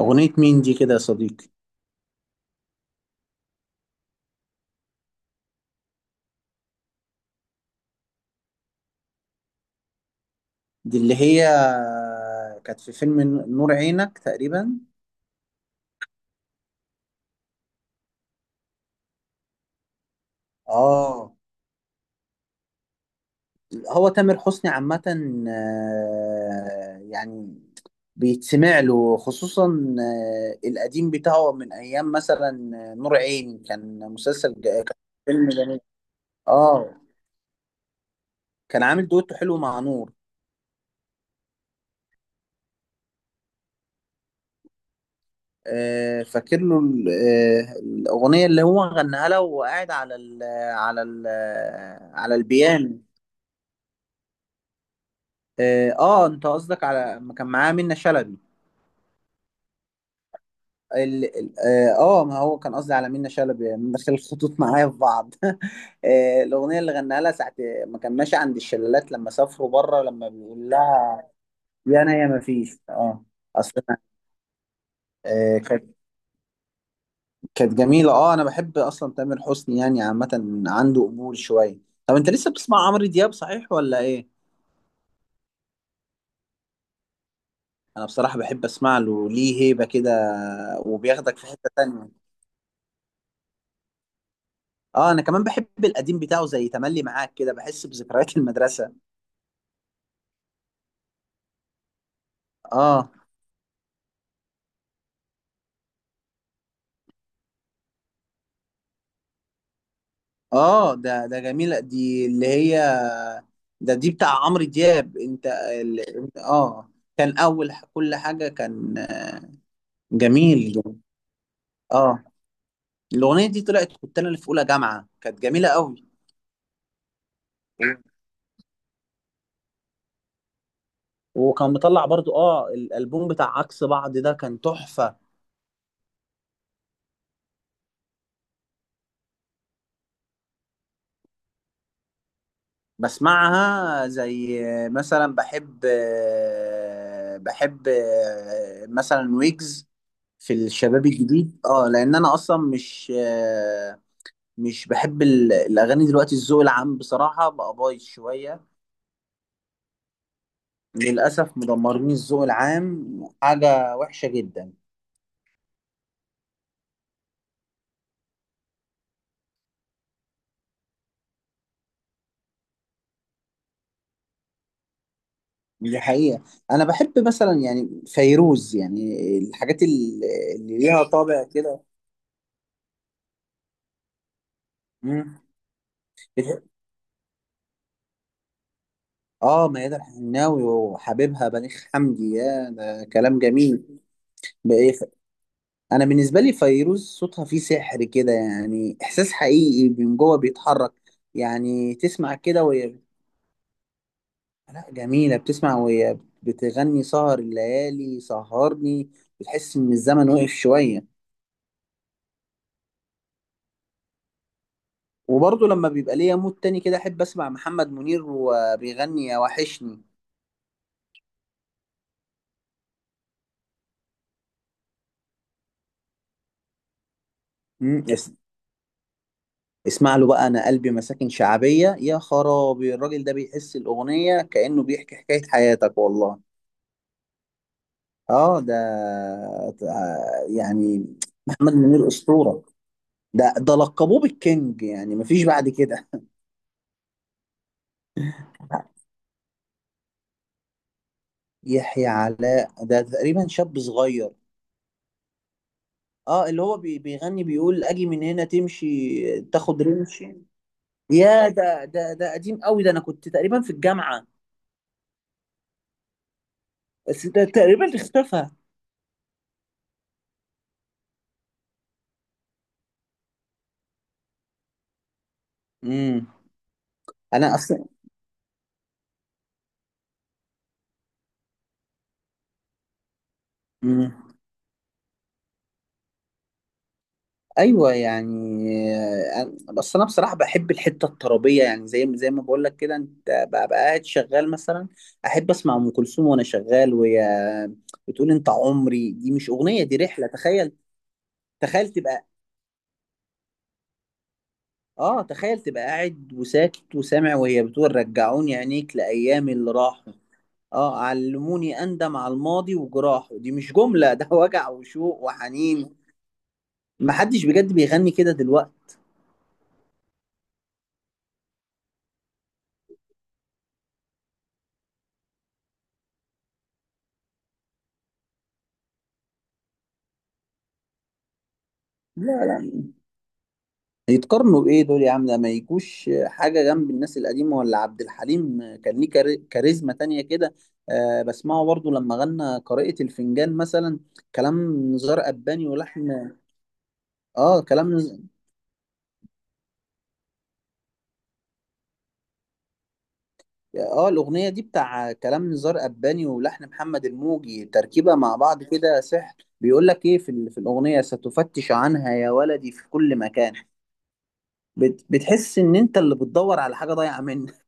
أغنية مين دي كده يا صديقي؟ دي اللي هي كانت في فيلم نور عينك تقريبا. اه هو تامر حسني عامة، يعني بيتسمع له، خصوصا القديم بتاعه من أيام مثلا نور عيني. كان مسلسل كان فيلم جميل. اه كان عامل دويتو حلو مع نور. فاكر له الأغنية اللي هو غناها لها وهو قاعد على ال على البيانو. انت قصدك على ما كان معاه منة شلبي. ال- ال- ما هو كان قصدي على منة شلبي، يعني دخل الخطوط معايا في بعض. الاغنيه اللي غناها لها ساعه ما كان ماشي عند الشلالات لما سافروا بره، لما بيقول لها يا انا يا ما فيش. اه، اصلا كانت كانت جميله. اه، انا بحب اصلا تامر حسني يعني، عامه عنده قبول شويه. طب انت لسه بتسمع عمرو دياب، صحيح ولا ايه؟ انا بصراحه بحب اسمع له، ليه هيبه كده وبياخدك في حته تانية. اه، انا كمان بحب القديم بتاعه زي تملي معاك، كده بحس بذكريات المدرسه. اه اه. ده جميله، دي اللي هي دي بتاع عمرو دياب، انت ال... اه، كان اول كل حاجه، كان جميل. اه، الاغنيه دي طلعت كنت انا اللي في اولى جامعه، كانت جميله قوي. وكان مطلع برضو اه الالبوم بتاع عكس بعض، ده كان تحفه. بسمعها زي مثلا بحب، بحب مثلا ويجز في الشباب الجديد. اه، لان انا اصلا مش بحب الاغاني دلوقتي. الذوق العام بصراحه بقى بايظ شويه، للاسف مدمرين الذوق العام، حاجه وحشه جدا. دي حقيقه. انا بحب مثلا يعني فيروز، يعني الحاجات اللي ليها طابع كده. مم. اه، ميادة الحناوي وحبيبها بليغ حمدي، يا ده كلام جميل. بإيه؟ انا بالنسبه لي فيروز صوتها فيه سحر كده، يعني احساس حقيقي من جوه بيتحرك. يعني تسمع كده وهي، لا جميله، بتسمع وهي بتغني سهر الليالي سهرني، بتحس ان الزمن وقف شويه. وبرضه لما بيبقى ليا مود تاني كده احب اسمع محمد منير وبيغني يا وحشني. مم. اسمع له بقى انا قلبي مساكن شعبيه يا خرابي. الراجل ده بيحس الاغنيه كانه بيحكي حكايه حياتك والله. اه، يعني محمد منير اسطوره. ده لقبوه بالكينج، يعني مفيش بعد كده. يحيى علاء ده تقريبا شاب صغير. اه، اللي هو بيغني بيقول اجي من هنا تمشي تاخد رمشي. يا ده، ده قديم قوي، ده انا كنت تقريبا في الجامعه. بس ده تقريبا اختفى. امم، انا اصلا مم. ايوه يعني بس انا بصراحه بحب الحته الطربيه، يعني زي زي ما بقول لك كده، انت ببقى قاعد شغال مثلا، احب اسمع ام كلثوم وانا شغال وهي بتقول انت عمري. دي مش اغنيه، دي رحله. تخيل، تخيل تبقى، اه تخيل تبقى قاعد وساكت وسامع وهي بتقول رجعوني عينيك لايام اللي راحوا. اه علموني اندم على الماضي وجراحه، دي مش جمله، ده وجع وشوق وحنين. محدش بجد بيغني كده دلوقتي. لا يتقارنوا بايه دول يا عم، ده ما يجوش حاجه جنب الناس القديمه. ولا عبد الحليم كان ليه كاريزما تانية كده. آه بسمعه برضو لما غنى قارئة الفنجان مثلا، كلام نزار قباني ولحن. اه كلام اه، الاغنيه دي بتاع كلام نزار قباني ولحن محمد الموجي، تركيبه مع بعض كده سحر. بيقول لك ايه في, في الاغنيه، ستفتش عنها يا ولدي في كل مكان. بتحس ان انت اللي بتدور على حاجه ضايعه منك.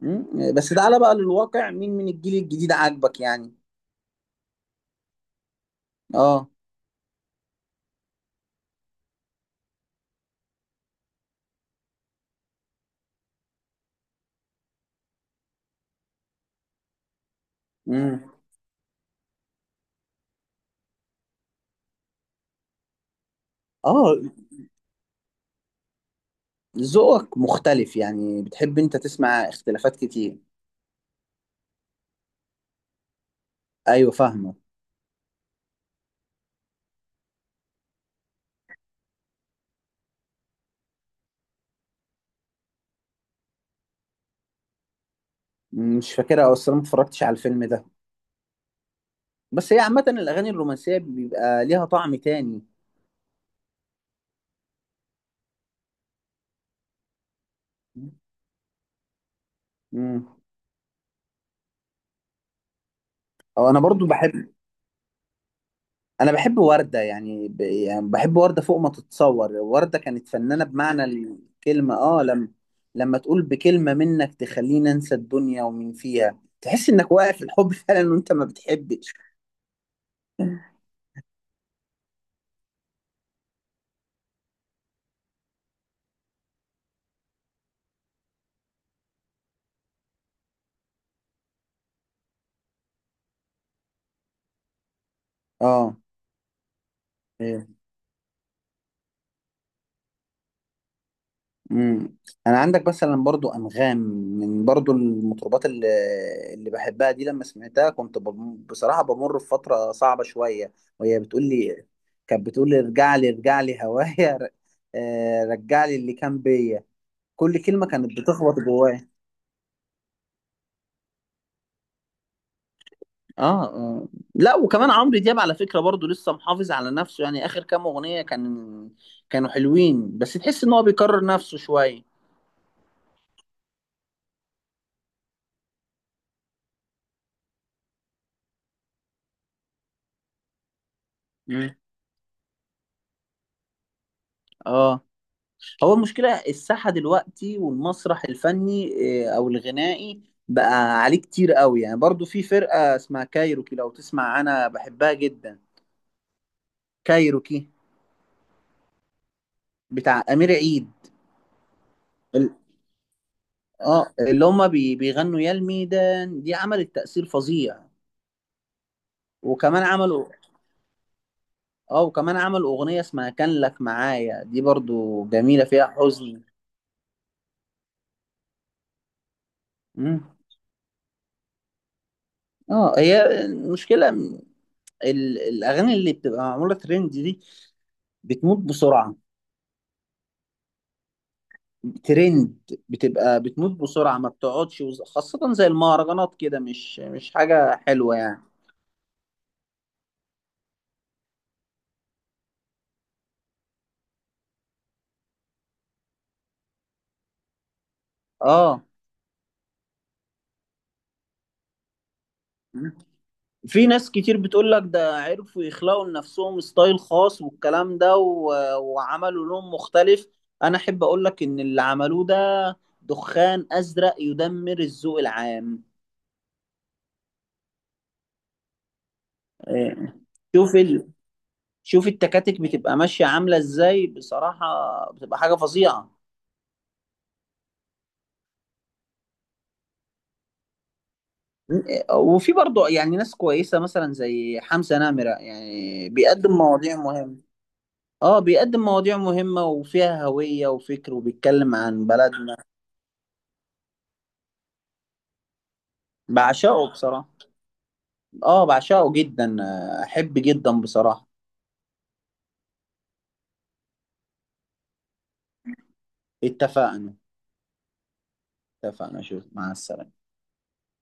مم. بس تعالى بقى للواقع، مين من الجيل الجديد عاجبك يعني؟ اه. امم. اه، ذوقك مختلف يعني، بتحب انت تسمع اختلافات كتير. ايوه فاهمه. مم، مش فاكرها او اصلا ما اتفرجتش على الفيلم ده. بس هي عامه الاغاني الرومانسيه بيبقى ليها طعم تاني. امم. او انا برضو بحب، انا بحب وردة يعني, يعني بحب وردة فوق ما تتصور. وردة كانت فنانة بمعنى الكلمة. اه، لما لما تقول بكلمة منك تخليني انسى الدنيا ومن فيها، تحس انك واقف الحب. فعلا، وانت ما بتحبش. اه. ايه. امم. انا عندك مثلا برضو انغام، من برضو المطربات اللي اللي بحبها دي، لما سمعتها كنت بصراحة بمر في فترة صعبة شوية وهي بتقول لي، كانت بتقول لي ارجع لي ارجع لي هوايا، رجع لي اللي كان بيا. كل كلمه كانت بتخبط جوايا. اه لا، وكمان عمرو دياب على فكره برضو لسه محافظ على نفسه، يعني اخر كام اغنيه كان، كانوا حلوين، بس تحس ان هو بيكرر نفسه شويه. مم. اه، هو المشكله، الساحه دلوقتي والمسرح الفني او الغنائي بقى عليه كتير قوي. يعني برضو في فرقه اسمها كايروكي، لو تسمع انا بحبها جدا. كايروكي بتاع امير عيد. ال- اه، اللي هما بيغنوا يا الميدان، دي عملت تأثير فظيع. وكمان عملوا، اه، وكمان عمل اغنيه اسمها كان لك معايا، دي برضو جميله فيها حزن. مم. اه، هي المشكله الاغاني اللي بتبقى معموله ترند دي بتموت بسرعه. ترند بتبقى بتموت بسرعه، ما بتقعدش، خاصه زي المهرجانات كده، مش حاجه حلوه يعني. اه. في ناس كتير بتقول لك ده عرفوا يخلقوا لنفسهم ستايل خاص والكلام ده و... وعملوا لون مختلف. انا احب اقول لك ان اللي عملوه ده دخان ازرق يدمر الذوق العام. إيه. شوف ال... شوف التكاتك بتبقى ماشية عاملة ازاي بصراحة، بتبقى حاجة فظيعة. إيه. وفي برضه يعني ناس كويسة مثلا زي حمزة نمرة، يعني بيقدم مواضيع مهمة. اه، بيقدم مواضيع مهمة وفيها هوية وفكر وبيتكلم عن بلدنا. بعشقه بصراحة. اه، بعشقه جدا، احب جدا بصراحة. اتفقنا. اتفقنا، شوف، مع السلامة.